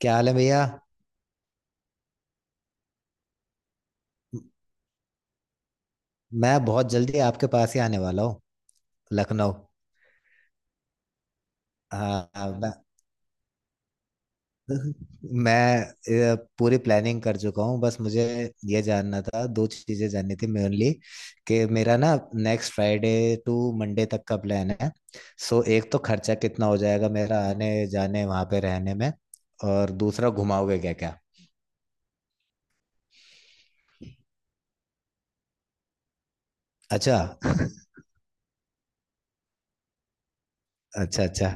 क्या हाल है भैया। म- मैं बहुत जल्दी आपके पास ही आने वाला हूँ। लखनऊ। हाँ हाँ, मैं मैं पूरी प्लानिंग कर चुका हूँ। बस मुझे ये जानना था, दो चीज़ें जाननी थी मेनली, कि मेरा ना नेक्स्ट फ्राइडे टू मंडे तक का प्लान है। सो एक तो खर्चा कितना हो जाएगा मेरा आने जाने वहाँ पे रहने में, और दूसरा घुमाओगे क्या क्या। अच्छा अच्छा अच्छा।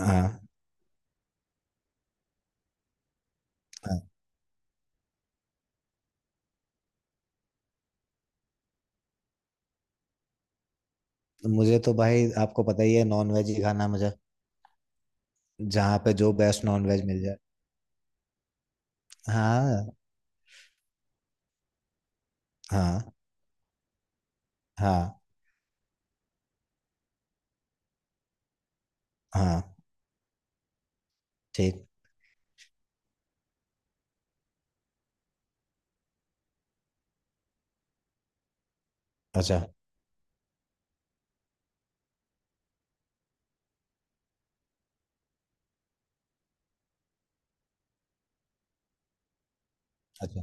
हाँ हाँ। मुझे तो भाई आपको पता ही है, नॉन वेज ही खाना है मुझे। जहाँ पे जो बेस्ट नॉन वेज मिल जाए। हाँ हाँ हाँ हाँ। ठीक। अच्छा अच्छा।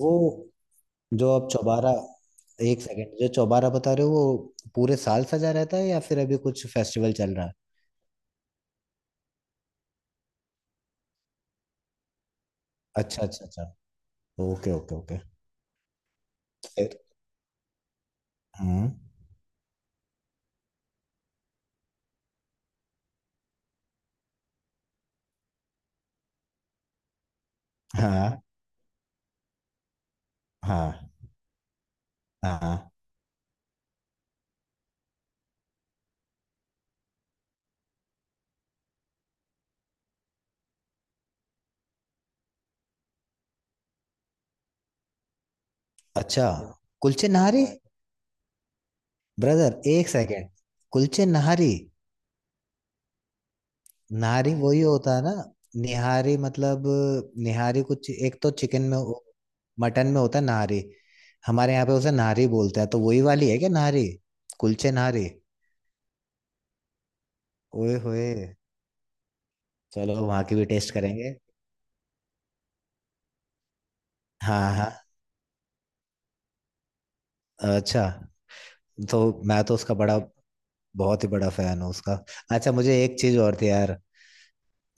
वो जो आप चौबारा, एक सेकंड, जो चौबारा बता रहे हो वो पूरे साल सजा रहता है या फिर अभी कुछ फेस्टिवल चल रहा है? अच्छा अच्छा अच्छा। Okay okay okay. फिर। हम्म। हाँ हाँ हाँ हाँ। अच्छा। कुलचे नहारी? ब्रदर एक सेकंड, कुलचे नहारी। नारी वही होता है ना? निहारी मतलब, निहारी कुछ एक तो चिकन में, मटन में होता है नारी। हमारे यहाँ पे उसे नारी बोलते हैं तो वही वाली है क्या नारी? कुलचे नारी। ओए होए। चलो वहां की भी टेस्ट करेंगे। हाँ हाँ। अच्छा। तो मैं तो उसका बड़ा बहुत ही बड़ा फैन हूँ उसका। अच्छा मुझे एक चीज और थी यार,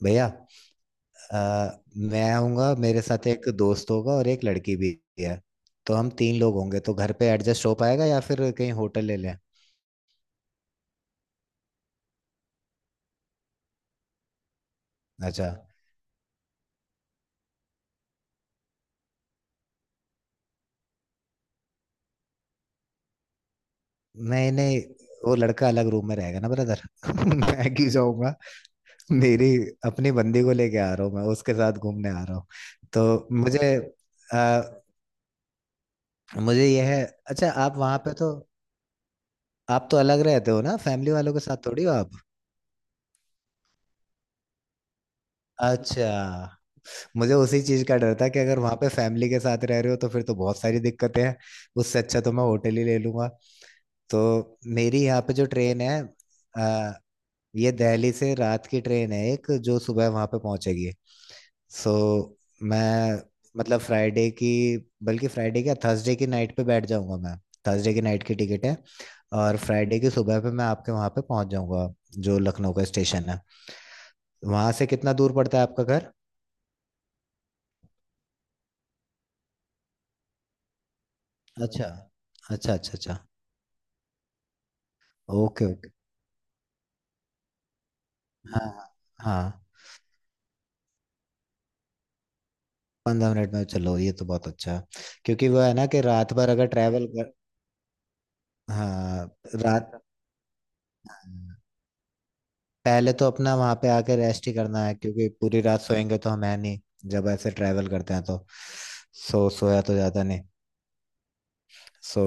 भैया। अ, मैं आऊंगा, मेरे साथ एक दोस्त होगा और एक लड़की भी है, तो हम तीन लोग होंगे, तो घर पे एडजस्ट हो पाएगा या फिर कहीं होटल ले लें? अच्छा। नहीं नहीं, वो लड़का अलग रूम में रहेगा ना ब्रदर। मैं क्यों जाऊंगा। मेरी अपनी बंदी को लेके आ रहा हूँ, मैं उसके साथ घूमने आ रहा हूँ। तो मुझे आ, मुझे यह है, अच्छा आप वहां पे तो, आप तो अलग रहते हो ना फैमिली वालों के साथ, थोड़ी हो आप। अच्छा। मुझे उसी चीज का डर था कि अगर वहां पे फैमिली के साथ रह रहे हो तो फिर तो बहुत सारी दिक्कतें हैं। उससे अच्छा तो मैं होटल ही ले लूंगा। तो मेरी यहाँ पे जो ट्रेन है, ये दिल्ली से रात की ट्रेन है एक, जो सुबह वहां पे पहुंचेगी। सो मैं मतलब फ्राइडे की, बल्कि फ्राइडे क्या, थर्सडे की नाइट पे बैठ जाऊंगा मैं। थर्सडे की नाइट की टिकट है, और फ्राइडे की सुबह पे मैं आपके वहां पे पहुंच जाऊंगा। जो लखनऊ का स्टेशन है, वहां से कितना दूर पड़ता है आपका घर? अच्छा अच्छा अच्छा। अच्छा। Okay okay. हाँ हाँ हाँ। 15 मिनट में, चलो ये तो बहुत अच्छा है। क्योंकि वो है ना कि रात भर अगर ट्रैवल कर, हाँ, रात, पहले तो अपना वहां पे आके रेस्ट ही करना है क्योंकि पूरी रात सोएंगे तो हम है नहीं। जब ऐसे ट्रैवल करते हैं तो सो सोया तो जाता नहीं। सो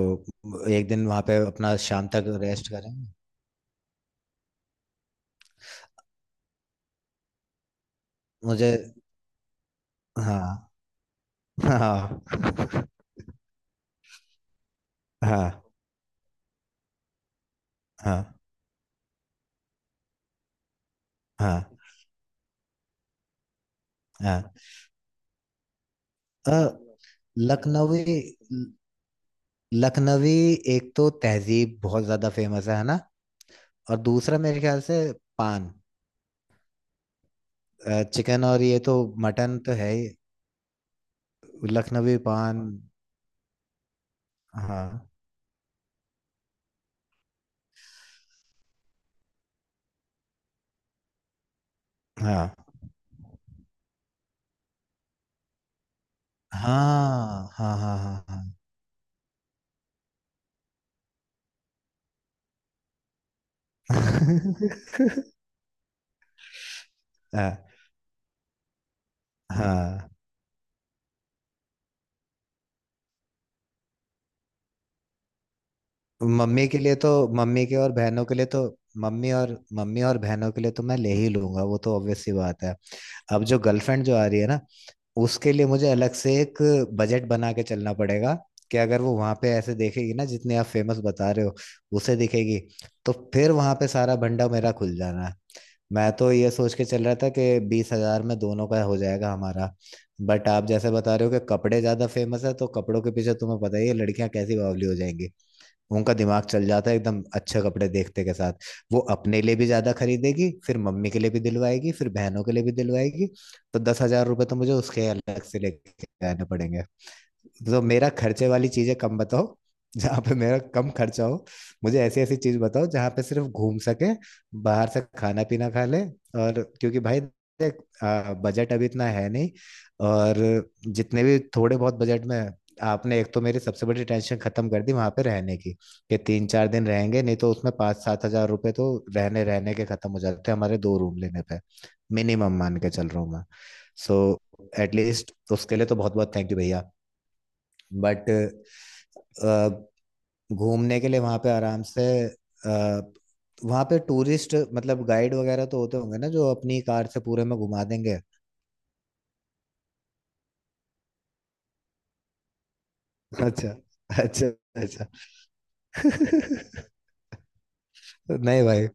एक दिन वहां पे अपना शाम तक रेस्ट करें। मुझे हाँ। हाँ हाँ हाँ हाँ हाँ। अ, लखनवी, लखनवी एक तो तहजीब बहुत ज्यादा फेमस है ना? और दूसरा मेरे ख्याल से पान, चिकन, और ये तो मटन तो है ही। लखनवी पान। हाँ हाँ हाँ हाँ हाँ हाँ हाँ हाँ हाँ। मम्मी के लिए तो, मम्मी के और बहनों के लिए तो, मम्मी और बहनों के लिए तो मैं ले ही लूंगा, वो तो ऑब्वियस सी बात है। अब जो गर्लफ्रेंड जो आ रही है ना, उसके लिए मुझे अलग से एक बजट बना के चलना पड़ेगा। कि अगर वो वहां पे ऐसे देखेगी ना जितने आप फेमस बता रहे हो उसे दिखेगी, तो फिर वहां पे सारा भंडा मेरा खुल जाना है। मैं तो ये सोच के चल रहा था कि 20 हजार में दोनों का हो जाएगा हमारा, बट आप जैसे बता रहे हो कि कपड़े ज्यादा फेमस है, तो कपड़ों के पीछे तुम्हें पता ही है लड़कियां कैसी बावली हो जाएंगी। उनका दिमाग चल जाता है एकदम, अच्छे कपड़े देखते के साथ वो अपने लिए भी ज्यादा खरीदेगी, फिर मम्मी के लिए भी दिलवाएगी, फिर बहनों के लिए भी दिलवाएगी। तो 10 हजार रुपये तो मुझे उसके अलग से लेके आने पड़ेंगे। तो मेरा खर्चे वाली चीजें कम बताओ, जहाँ पे मेरा कम खर्चा हो। मुझे ऐसी ऐसी चीज बताओ जहाँ पे सिर्फ घूम सके, बाहर से खाना पीना खा ले। और क्योंकि भाई, देख, बजट अभी इतना है नहीं, और जितने भी थोड़े बहुत बजट में, आपने एक तो मेरी सबसे बड़ी टेंशन खत्म कर दी वहां पे रहने की, कि 3-4 दिन रहेंगे, नहीं तो उसमें 5-7 हजार रुपए तो रहने रहने के खत्म हो जाते हैं हमारे दो रूम लेने पे, मिनिमम मान के चल रहा हूँ मैं। सो एटलीस्ट उसके लिए तो बहुत बहुत थैंक यू भैया। बट घूमने के लिए वहाँ पे आराम से, आ, वहाँ पे टूरिस्ट मतलब गाइड वगैरह तो होते होंगे ना जो अपनी कार से पूरे में घुमा देंगे? अच्छा अच्छा अच्छा। नहीं भाई,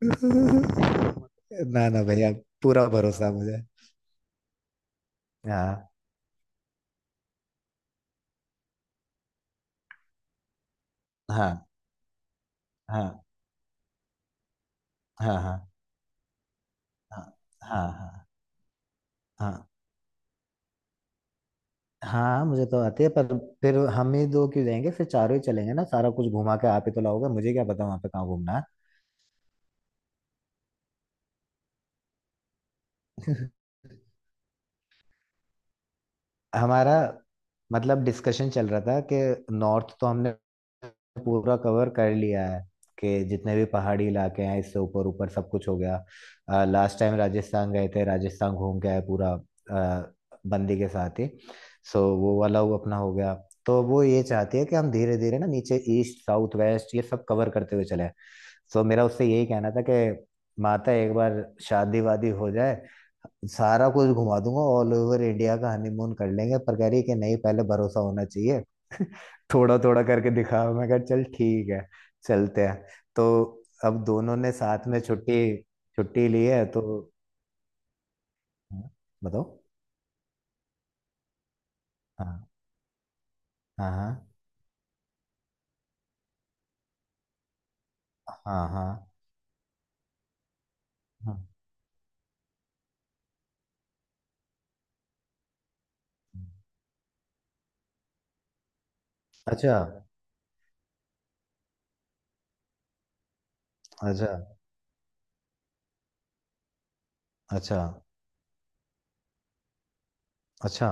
ना ना भैया, पूरा भरोसा है मुझे। हाँ हाँ हाँ हाँ हाँ हाँ हाँ हाँ हाँ। हाँ मुझे तो आती है पर फिर हम ही दो क्यों जाएंगे, फिर चारों ही चलेंगे ना, सारा कुछ घुमा के आप ही तो लाओगे, मुझे क्या पता वहाँ पे कहाँ घूमना है। हमारा मतलब डिस्कशन चल रहा था कि नॉर्थ तो हमने पूरा कवर कर लिया है, कि जितने भी पहाड़ी इलाके हैं इससे ऊपर ऊपर सब कुछ हो गया। लास्ट टाइम राजस्थान गए थे, राजस्थान घूम के आए पूरा, बंदी के साथ ही। सो वो वाला वो अपना हो गया, तो वो ये चाहती है कि हम धीरे धीरे ना नीचे ईस्ट साउथ वेस्ट ये सब कवर करते हुए चले। सो मेरा उससे यही कहना था कि माता एक बार शादी वादी हो जाए, सारा कुछ घुमा दूंगा, ऑल ओवर इंडिया का हनीमून कर लेंगे, पर कह रही है कि नहीं पहले भरोसा होना चाहिए। थोड़ा थोड़ा करके दिखाओ, मैं कहा चल ठीक है, चलते हैं। तो अब दोनों ने साथ में छुट्टी छुट्टी ली है तो हाँ, बताओ। हाँ हाँ हाँ हाँ हाँ हाँ। अच्छा अच्छा अच्छा अच्छा।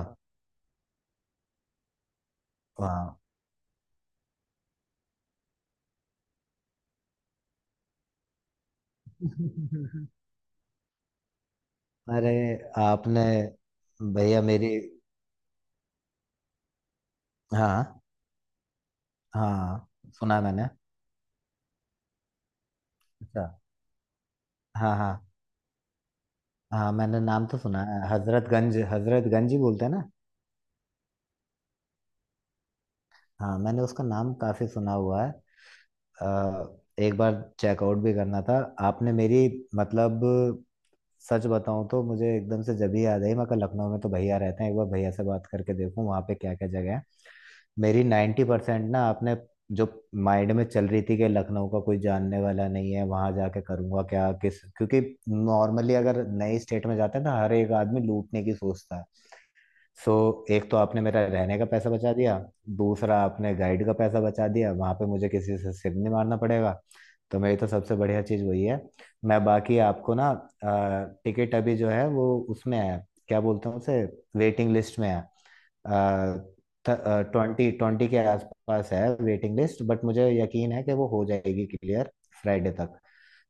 हाँ अरे आपने, भैया मेरी, हाँ हाँ, सुना मैंने। अच्छा। हाँ हाँ हाँ, मैंने नाम तो सुना है, हजरतगंज, हजरतगंज ही बोलते हैं ना? हाँ मैंने उसका नाम काफी सुना हुआ है। अ, एक बार चेकआउट भी करना था। आपने मेरी, मतलब सच बताऊं तो मुझे एकदम से जब ही याद आई मैं, कल लखनऊ में तो भैया रहते हैं, एक बार भैया से बात करके देखूं वहाँ पे क्या क्या जगह है। मेरी 90% ना आपने, जो माइंड में चल रही थी कि लखनऊ का कोई जानने वाला नहीं है, वहां जाके करूंगा क्या, किस क्योंकि नॉर्मली अगर नई स्टेट में जाते हैं तो हर एक आदमी लूटने की सोचता है। सो एक तो आपने मेरा रहने का पैसा बचा दिया, दूसरा आपने गाइड का पैसा बचा दिया, वहां पे मुझे किसी से सिर नहीं मारना पड़ेगा। तो मेरी तो सबसे बढ़िया चीज़ वही है। मैं बाकी आपको ना, टिकट अभी जो है वो उसमें है, क्या बोलते हैं उसे, वेटिंग लिस्ट में है। 20-20 के आसपास है वेटिंग लिस्ट, बट मुझे यकीन है कि वो हो जाएगी क्लियर, फ्राइडे तक,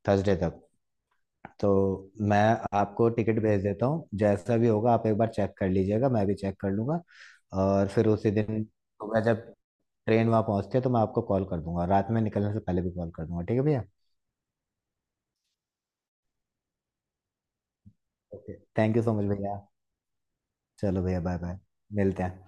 थर्सडे तक। तो मैं आपको टिकट भेज देता हूँ, जैसा भी होगा आप एक बार चेक कर लीजिएगा, मैं भी चेक कर लूँगा। और फिर उसी दिन सुबह जब ट्रेन वहाँ पहुँचती है तो मैं आपको कॉल कर दूंगा, रात में निकलने से पहले भी कॉल कर दूंगा, ठीक है भैया? Okay thank you so much भैया। चलो भैया बाय बाय। मिलते हैं।